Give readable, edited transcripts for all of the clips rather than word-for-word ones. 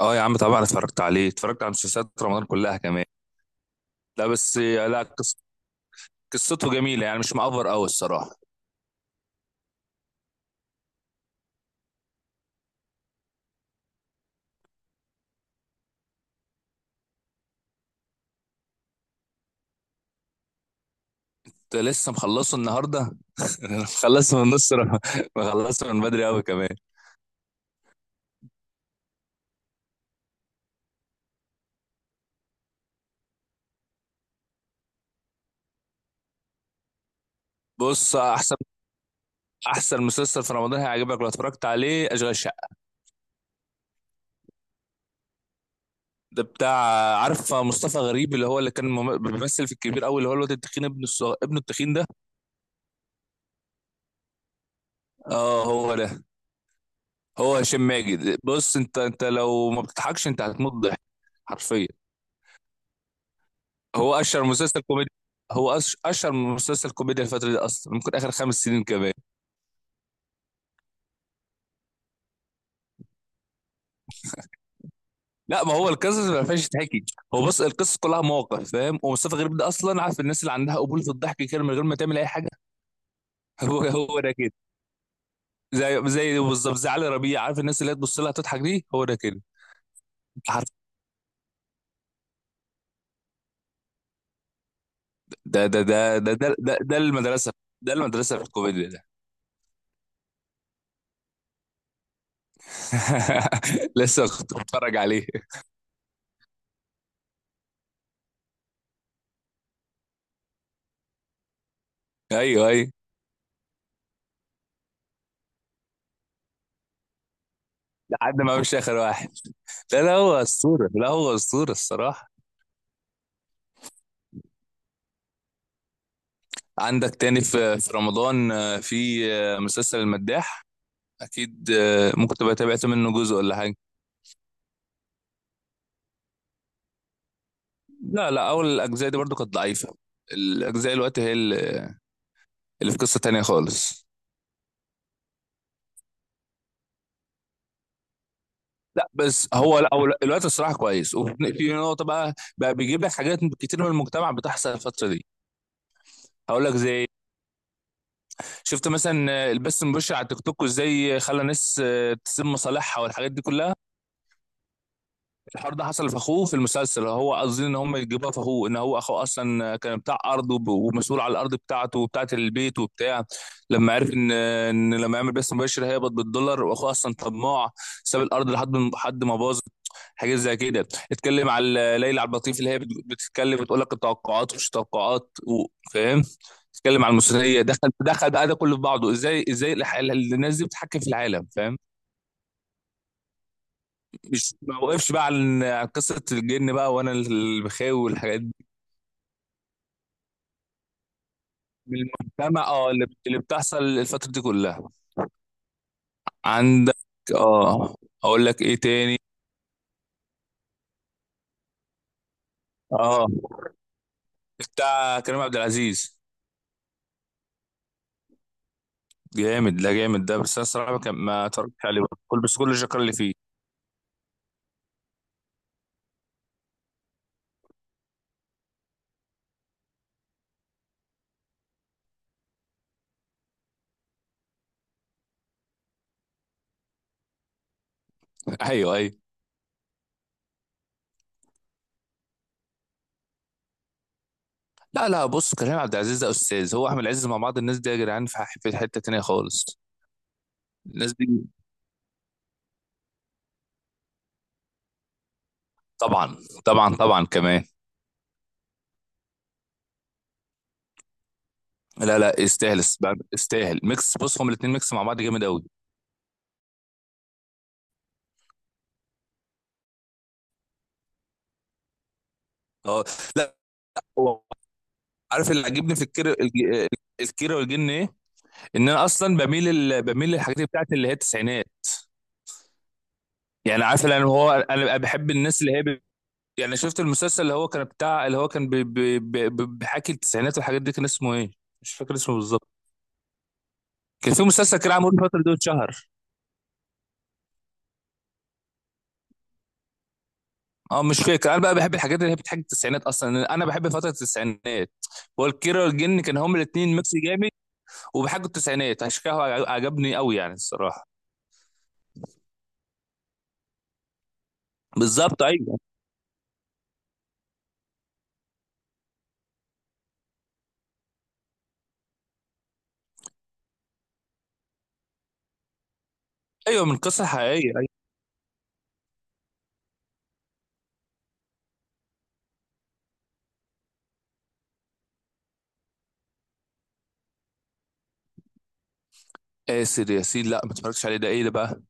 اه يا عم طبعا اتفرجت عليه، اتفرجت على مسلسلات رمضان كلها كمان. لا بس لا قص- قصته جميله يعني مش مأفر قوي الصراحه. كنت لسه مخلصه النهارده. مخلصه من نص رم- مخلصه من بدري قوي كمان. بص، احسن مسلسل في رمضان هيعجبك لو اتفرجت عليه، اشغال شقه. ده بتاع عارف مصطفى غريب اللي هو اللي كان بيمثل في الكبير قوي، اللي هو الواد التخين، ابن التخين ده. اه هو ده. هو هشام ماجد. بص، انت لو ما بتضحكش انت هتموت ضحك، حرفيا. هو اشهر مسلسل كوميدي. هو اشهر مسلسل كوميديا الفتره دي، اصلا ممكن اخر 5 سنين كمان. لا ما هو القصص ما فيهاش تحكي. هو بص، القصص كلها مواقف، فاهم؟ ومصطفى غريب ده اصلا عارف، الناس اللي عندها قبول في الضحك كده من غير ما تعمل اي حاجه. هو، هو ده كده. زي، بالظبط زي علي ربيع، عارف الناس اللي هي تبص لها تضحك دي، هو ده كده. ده المدرسة. ده المدرسة في الكوميديا ده. لسه كنت بتفرج عليه. ايوه ايوه. لحد ما مش اخر واحد. لا لا، هو اسطورة، لا هو اسطورة الصراحة. عندك تاني في رمضان، في آه، مسلسل المداح، اكيد. ممكن تبقى تابعت منه جزء ولا حاجة. لا لا، اول الاجزاء دي برضو كانت ضعيفة. الاجزاء دلوقتي هي اللي في قصة تانية خالص. لا بس هو، لا هو الوقت الصراحه كويس، وفي نقطه بقى، بيجيب لك حاجات كتير من المجتمع بتحصل الفتره دي. هقول لك زي إيه؟ شفت مثلا البث المباشر على تيك توك وازاي خلى ناس، تسيب مصالحها والحاجات دي كلها. الحوار ده حصل في اخوه في المسلسل، هو قصدي ان هم يجيبوها في اخوه، ان هو اخوه اصلا كان بتاع ارض ومسؤول على الارض بتاعته وبتاعه البيت وبتاع. لما عرف ان لما يعمل بث مباشر هيقبض بالدولار، واخوه اصلا طماع، ساب الارض لحد ما باظ. حاجات زي كده. اتكلم على ليلى عبد اللطيف اللي هي بتتكلم، بتقول لك التوقعات ومش توقعات و-، فاهم. اتكلم على المثليه، دخل بقى ده كله في بعضه، ازاي، الناس دي بتحكم في العالم، فاهم. مش ما وقفش بقى عن قصه الجن بقى وانا البخاوي والحاجات دي. من المجتمع، اه، اللي بتحصل الفتره دي كلها. عندك، اه، اقول لك ايه تاني. اه، بتاع كريم عبد العزيز. جامد، لا جامد ده، بس انا الصراحه ما اتفرجتش عليه برضه. كل بس كل الشكر اللي فيه. ايوه ايوه. لا لا، بص كريم عبد العزيز ده استاذ، هو احمد عز مع بعض، الناس دي يا جدعان في في حته تانيه خالص. الناس دي. طبعا، طبعا كمان. لا لا يستاهل، يستاهل ميكس. بص هما الاثنين ميكس مع بعض جامد قوي. اه. لا هو عارف اللي عجبني في الكيرة والجن ايه؟ ان انا اصلا بميل بميل للحاجات بتاعت اللي هي التسعينات. يعني عارف، يعني هو انا بحب الناس اللي هي ب... يعني شفت المسلسل اللي هو كان بتاع، اللي هو كان بحكي التسعينات والحاجات دي، كان اسمه ايه؟ مش فاكر اسمه بالظبط. كان في مسلسل كده عامل الفترة دي، اتشهر. اه، مش فاكر. انا بقى بحب الحاجات اللي هي بتحكي التسعينات، اصلا انا بحب فترة التسعينات. والكيرة والجن كان هما الاتنين ميكس جامد، وبيحكوا التسعينات، عشان كده هو عجبني قوي يعني الصراحة. بالظبط، ايوه ايوه. من قصة حقيقية، ايوه. ياسر ياسين؟ لا ما اتفرجتش عليه، ده ايه ده بقى؟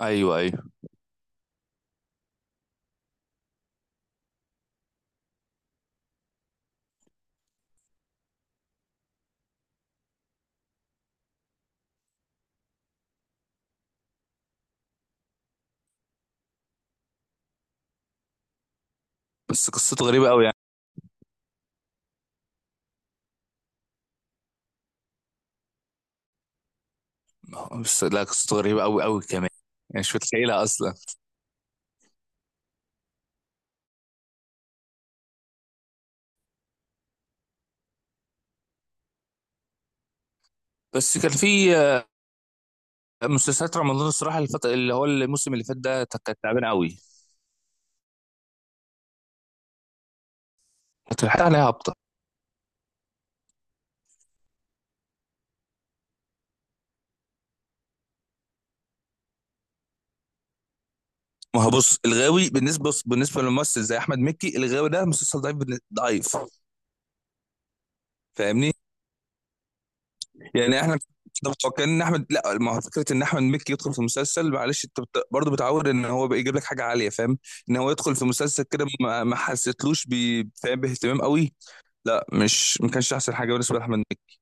ايوه ايوه. بس قصته غريبة قوي يعني. بس لا قصته غريبة قوي قوي كمان، يعني مش متخيلها اصلا. بس كان في، مسلسلات رمضان الصراحة الفترة، اللي هو الموسم اللي فات ده كانت تعبانة قوي. كانت الحلقة عليها هابطة. ما هو بص الغاوي بالنسبه، بص بالنسبه لممثل زي احمد مكي، الغاوي ده مسلسل ضعيف، ضعيف، فاهمني؟ يعني احنا طب متوقعين ان احمد، لا ما هو فكره ان احمد مكي يدخل في مسلسل، معلش انت بت... برضه بتعود ان هو بيجيب لك حاجه عاليه، فاهم. ان هو يدخل في مسلسل كده، ما حسيتلوش ب...، فاهم، باهتمام قوي. لا مش، ما كانش احسن حاجه بالنسبه لاحمد مكي.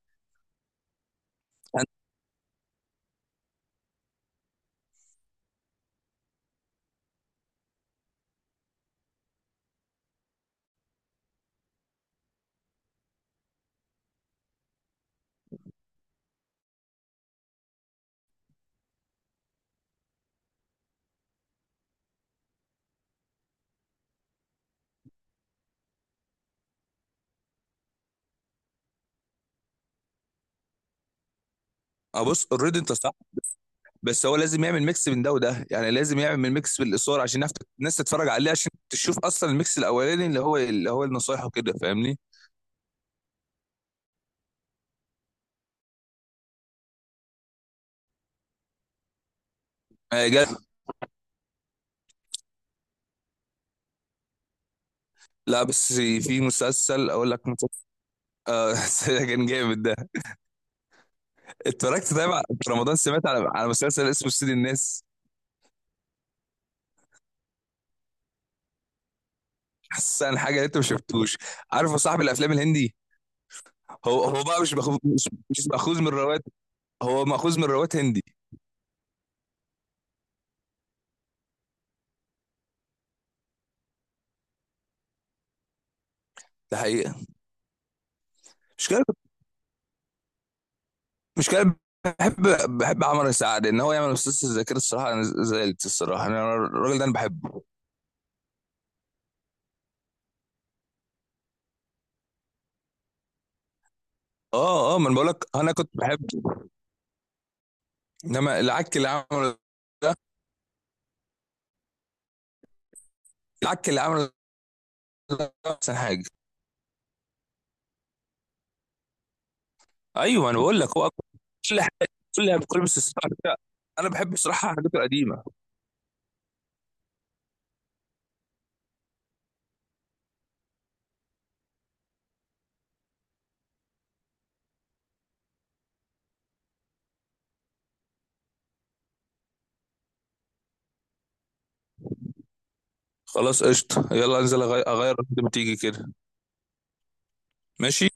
أنا- اه بص اوريدي انت صح، بس هو لازم يعمل ميكس من ده وده، يعني لازم يعمل ميكس بالاثاره عشان نعرف-، الناس تتفرج عليه عشان تشوف اصلا الميكس الاولاني اللي هو، النصايح وكده، فاهمني؟ جا. لا بس في مسلسل، اقول لك مسلسل. اه. كان جامد ده. اتفرجت طيب على-، في رمضان، سمعت على مسلسل اسمه سيد الناس. حاسس ان حاجه اللي انت ما شفتوش. عارف يا صاحبي الافلام الهندي، هو هو بقى مش مأخوذ، مش مأخوذ من روايات، هو مأخوذ من روايات هندي. ده حقيقه. مش كده، مش كده. بحب، بحب عمر سعد ان هو يعمل مسلسل زي كده. الصراحه انا زعلت الصراحه، انا الراجل ده انا بحبه. اه اه، ما انا بقول لك انا كنت بحبه، انما العك اللي عمله ده. العك اللي عمله ده احسن حاجه. ايوه انا بقول لك، هو أكبر. كل حاجه، كلها بكل باستثناء كده. انا بحب الصراحه حاجات القديمه. خلاص قشطه، يلا انزل اغير قد ما تيجي كده. ماشي.